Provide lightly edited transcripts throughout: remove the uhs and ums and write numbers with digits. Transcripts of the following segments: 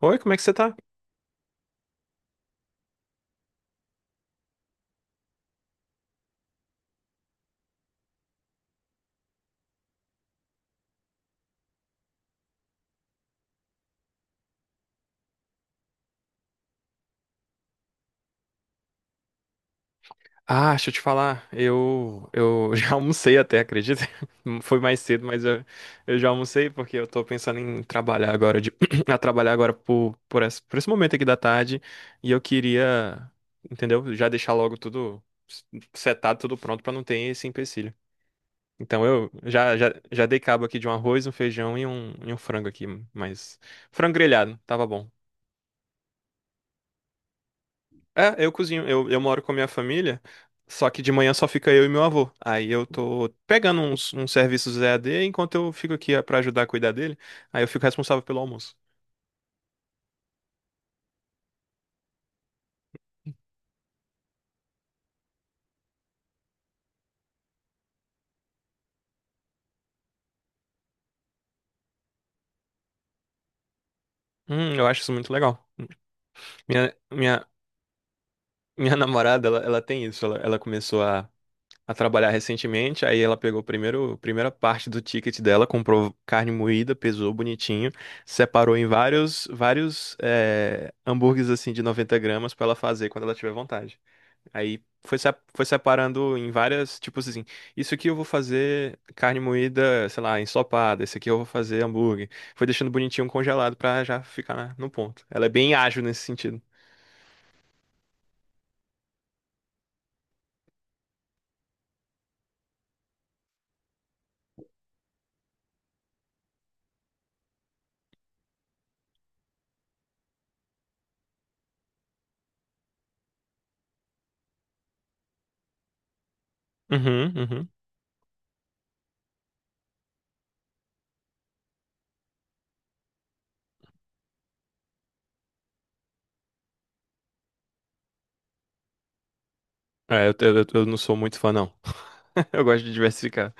Oi, como é que você tá? Ah, deixa eu te falar, eu já almocei até, acredita? Foi mais cedo, mas eu já almocei porque eu tô pensando em trabalhar agora, a trabalhar agora por esse momento aqui da tarde e eu queria, entendeu? Já deixar logo tudo setado, tudo pronto pra não ter esse empecilho. Então eu já dei cabo aqui de um arroz, um feijão e um frango aqui, mas frango grelhado, tava bom. É, eu cozinho. Eu moro com a minha família, só que de manhã só fica eu e meu avô. Aí eu tô pegando uns serviços EAD enquanto eu fico aqui é, pra ajudar a cuidar dele. Aí eu fico responsável pelo almoço. Eu acho isso muito legal. Minha, minha, minha namorada, ela tem isso. Ela começou a trabalhar recentemente. Aí ela pegou primeiro, a primeira parte do ticket dela, comprou carne moída, pesou bonitinho, separou em vários hambúrgueres assim de 90 gramas pra ela fazer quando ela tiver vontade. Aí foi, se- foi separando em várias, tipo assim, isso aqui eu vou fazer carne moída, sei lá, ensopada, esse aqui eu vou fazer hambúrguer. Foi deixando bonitinho congelado pra já ficar no ponto. Ela é bem ágil nesse sentido. Uhum, uhum. É, eu não sou muito fã, não. Eu gosto de diversificar.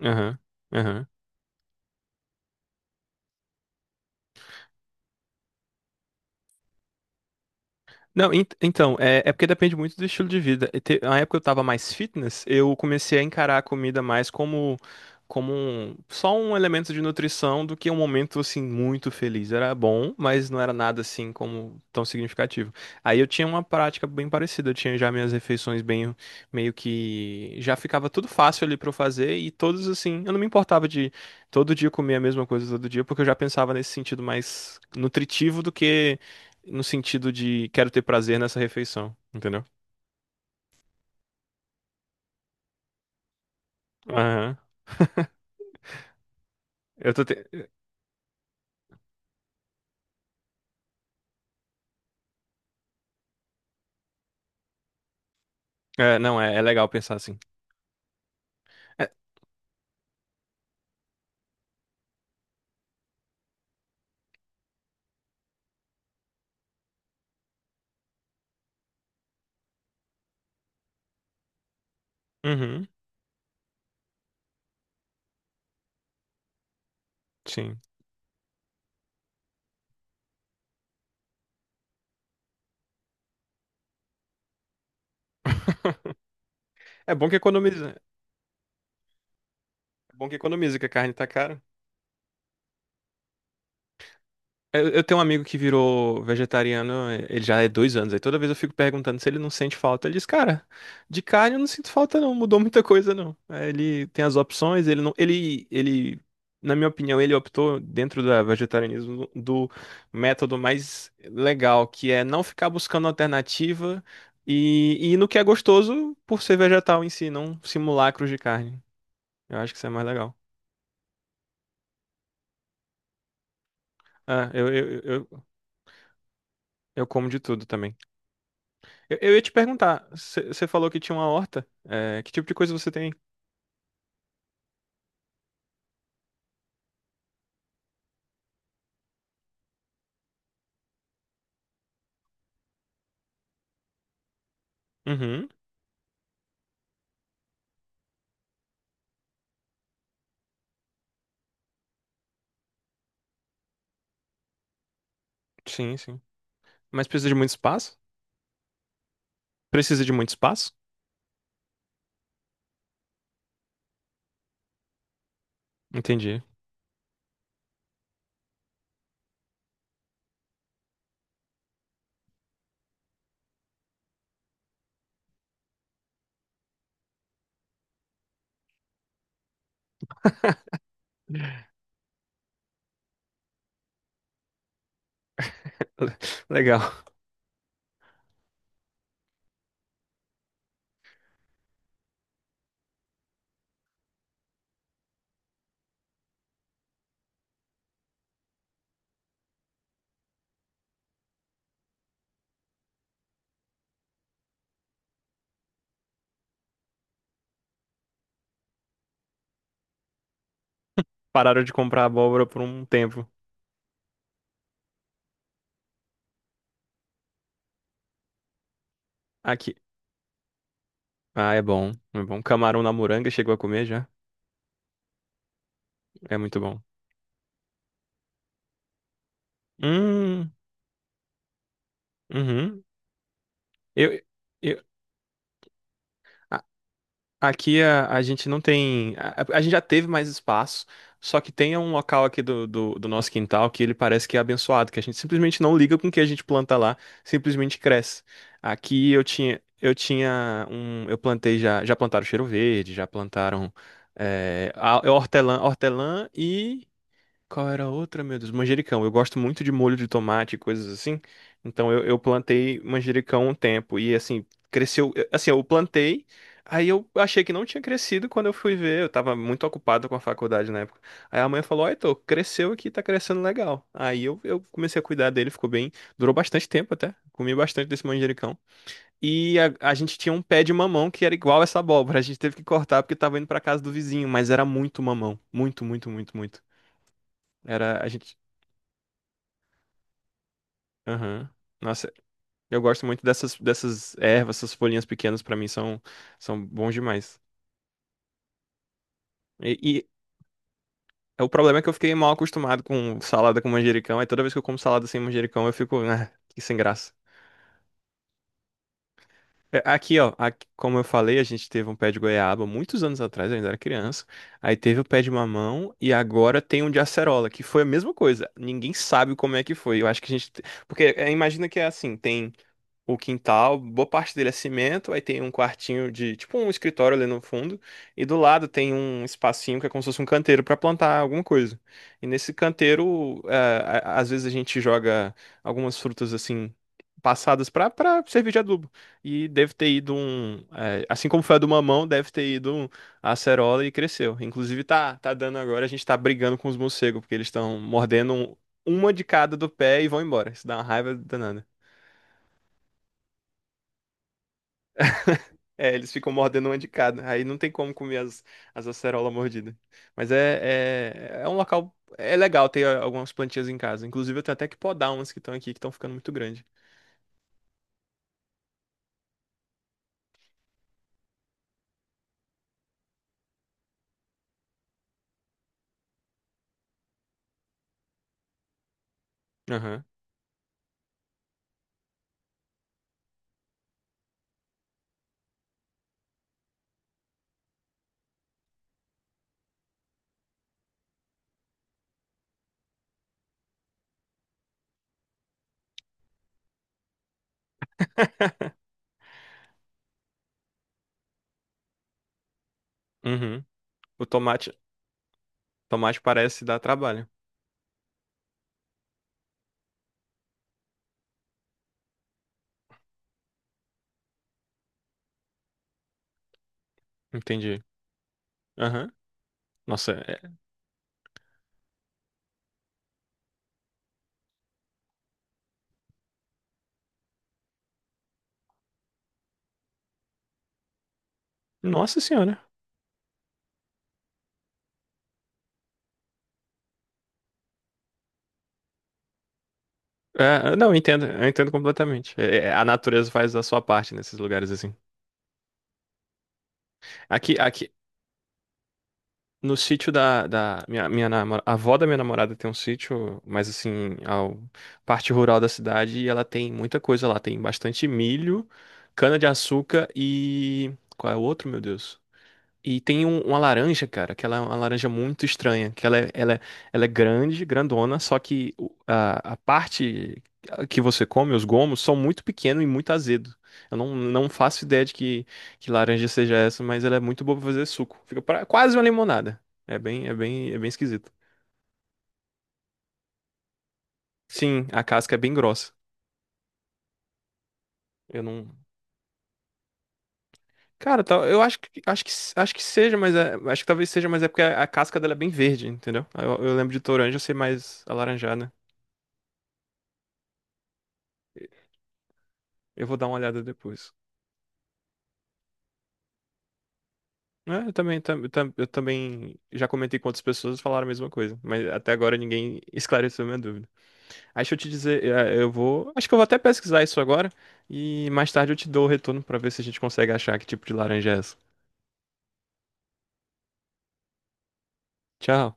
Aham, aham. Não, então, é porque depende muito do estilo de vida. Na época eu tava mais fitness, eu comecei a encarar a comida mais como, só um elemento de nutrição do que um momento, assim, muito feliz. Era bom, mas não era nada, assim, como tão significativo. Aí eu tinha uma prática bem parecida. Eu tinha já minhas refeições bem, meio que... Já ficava tudo fácil ali pra eu fazer e todos, assim... Eu não me importava de todo dia comer a mesma coisa todo dia, porque eu já pensava nesse sentido mais nutritivo do que no sentido de quero ter prazer nessa refeição, entendeu? É. Aham. Eu tô te... é, não, é legal pensar assim. É, uhum, sim. É bom que economiza. É bom que economiza, que a carne tá cara. Eu tenho um amigo que virou vegetariano, ele já é 2 anos, aí toda vez eu fico perguntando se ele não sente falta. Ele diz, cara, de carne eu não sinto falta não, mudou muita coisa não. Aí ele tem as opções, ele não, ele, na minha opinião, ele optou dentro do vegetarianismo do método mais legal, que é não ficar buscando alternativa e ir no que é gostoso por ser vegetal em si, não simulacros de carne. Eu acho que isso é mais legal. Ah, eu, eu, eu, eu como de tudo também. Eu ia te perguntar, você falou que tinha uma horta. É, que tipo de coisa você tem? Uhum, sim, sim. Mas precisa de muito espaço? Precisa de muito espaço? Entendi. Le- Legal. Pararam de comprar abóbora por um tempo. Aqui. Ah, é bom, é bom. Camarão na moranga, chegou a comer já? É muito bom. Hum, uhum. Eu, eu, aqui a gente não tem. A gente já teve mais espaço, só que tem um local aqui do nosso quintal que ele parece que é abençoado, que a gente simplesmente não liga com o que a gente planta lá, simplesmente cresce. Aqui eu tinha um. Eu plantei já. Já plantaram cheiro verde, já plantaram é, a- hortelã, Qual era a outra, meu Deus? Manjericão. Eu gosto muito de molho de tomate e coisas assim. Então eu plantei manjericão um tempo e assim, cresceu. Assim, eu plantei, aí eu achei que não tinha crescido quando eu fui ver. Eu tava muito ocupado com a faculdade na época. Aí a mãe falou: Ó, Heitor, cresceu aqui, tá crescendo legal. Aí eu comecei a cuidar dele, ficou bem. Durou bastante tempo até. Comi bastante desse manjericão. E a gente tinha um pé de mamão que era igual essa abóbora. A gente teve que cortar porque tava indo pra casa do vizinho, mas era muito mamão. Muito, muito, muito, muito. Era, a gente Aham. Nossa, eu gosto muito dessas ervas, essas folhinhas pequenas pra mim são, são bons demais. E o problema é que eu fiquei mal acostumado com salada com manjericão, aí toda vez que eu como salada sem manjericão eu fico, ah, que sem graça. Aqui, ó, aqui, como eu falei, a gente teve um pé de goiaba muitos anos atrás, eu ainda era criança. Aí teve o pé de mamão e agora tem um de acerola, que foi a mesma coisa. Ninguém sabe como é que foi. Eu acho que a gente. Te- Porque é, imagina que é assim, tem o quintal, boa parte dele é cimento, aí tem um quartinho de, tipo um escritório ali no fundo, e do lado tem um espacinho que é como se fosse um canteiro para plantar alguma coisa. E nesse canteiro, às vezes a gente joga algumas frutas assim passadas para servir de adubo. E deve ter ido um, assim como foi a do mamão, deve ter ido um, a acerola e cresceu. Inclusive tá dando agora, a gente tá brigando com os morcegos porque eles estão mordendo uma de cada do pé e vão embora. Isso dá uma raiva danada. É, eles ficam mordendo uma de cada. Aí não tem como comer as acerolas mordidas. Mas é um local. É legal ter algumas plantinhas em casa. Inclusive, eu tenho até que podar umas que estão aqui, que estão ficando muito grandes. Aham. Uhum. O tomate, tomate parece dar trabalho. Entendi. Aham. Nossa, é- Nossa Senhora. É, eu não, eu entendo completamente. É, a natureza faz a sua parte nesses lugares assim. Aqui, aqui, No sítio da a avó da minha namorada tem um sítio, mas assim, ao parte rural da cidade, e ela tem muita coisa lá. Tem bastante milho, cana-de-açúcar Qual é o outro, meu Deus? E tem uma laranja, cara, que ela é uma laranja muito estranha, que ela é, ela é, ela é grande, grandona, só que a parte que você come, os gomos, são muito pequenos e muito azedo. Eu não, não faço ideia de que laranja seja essa, mas ela é muito boa pra fazer suco. Quase uma limonada. É bem esquisito. Sim, a casca é bem grossa. Eu não. Cara, tal, eu acho que, acho que, acho que seja, acho que talvez seja, mas é porque a casca dela é bem verde, entendeu? Eu lembro de toranja ser mais alaranjada. Eu vou dar uma olhada depois. É, eu também, eu também já comentei com outras pessoas e falaram a mesma coisa, mas até agora ninguém esclareceu a minha dúvida. Aí deixa eu te dizer, eu vou, acho que eu vou até pesquisar isso agora e mais tarde eu te dou o retorno pra ver se a gente consegue achar que tipo de laranja é essa. Tchau.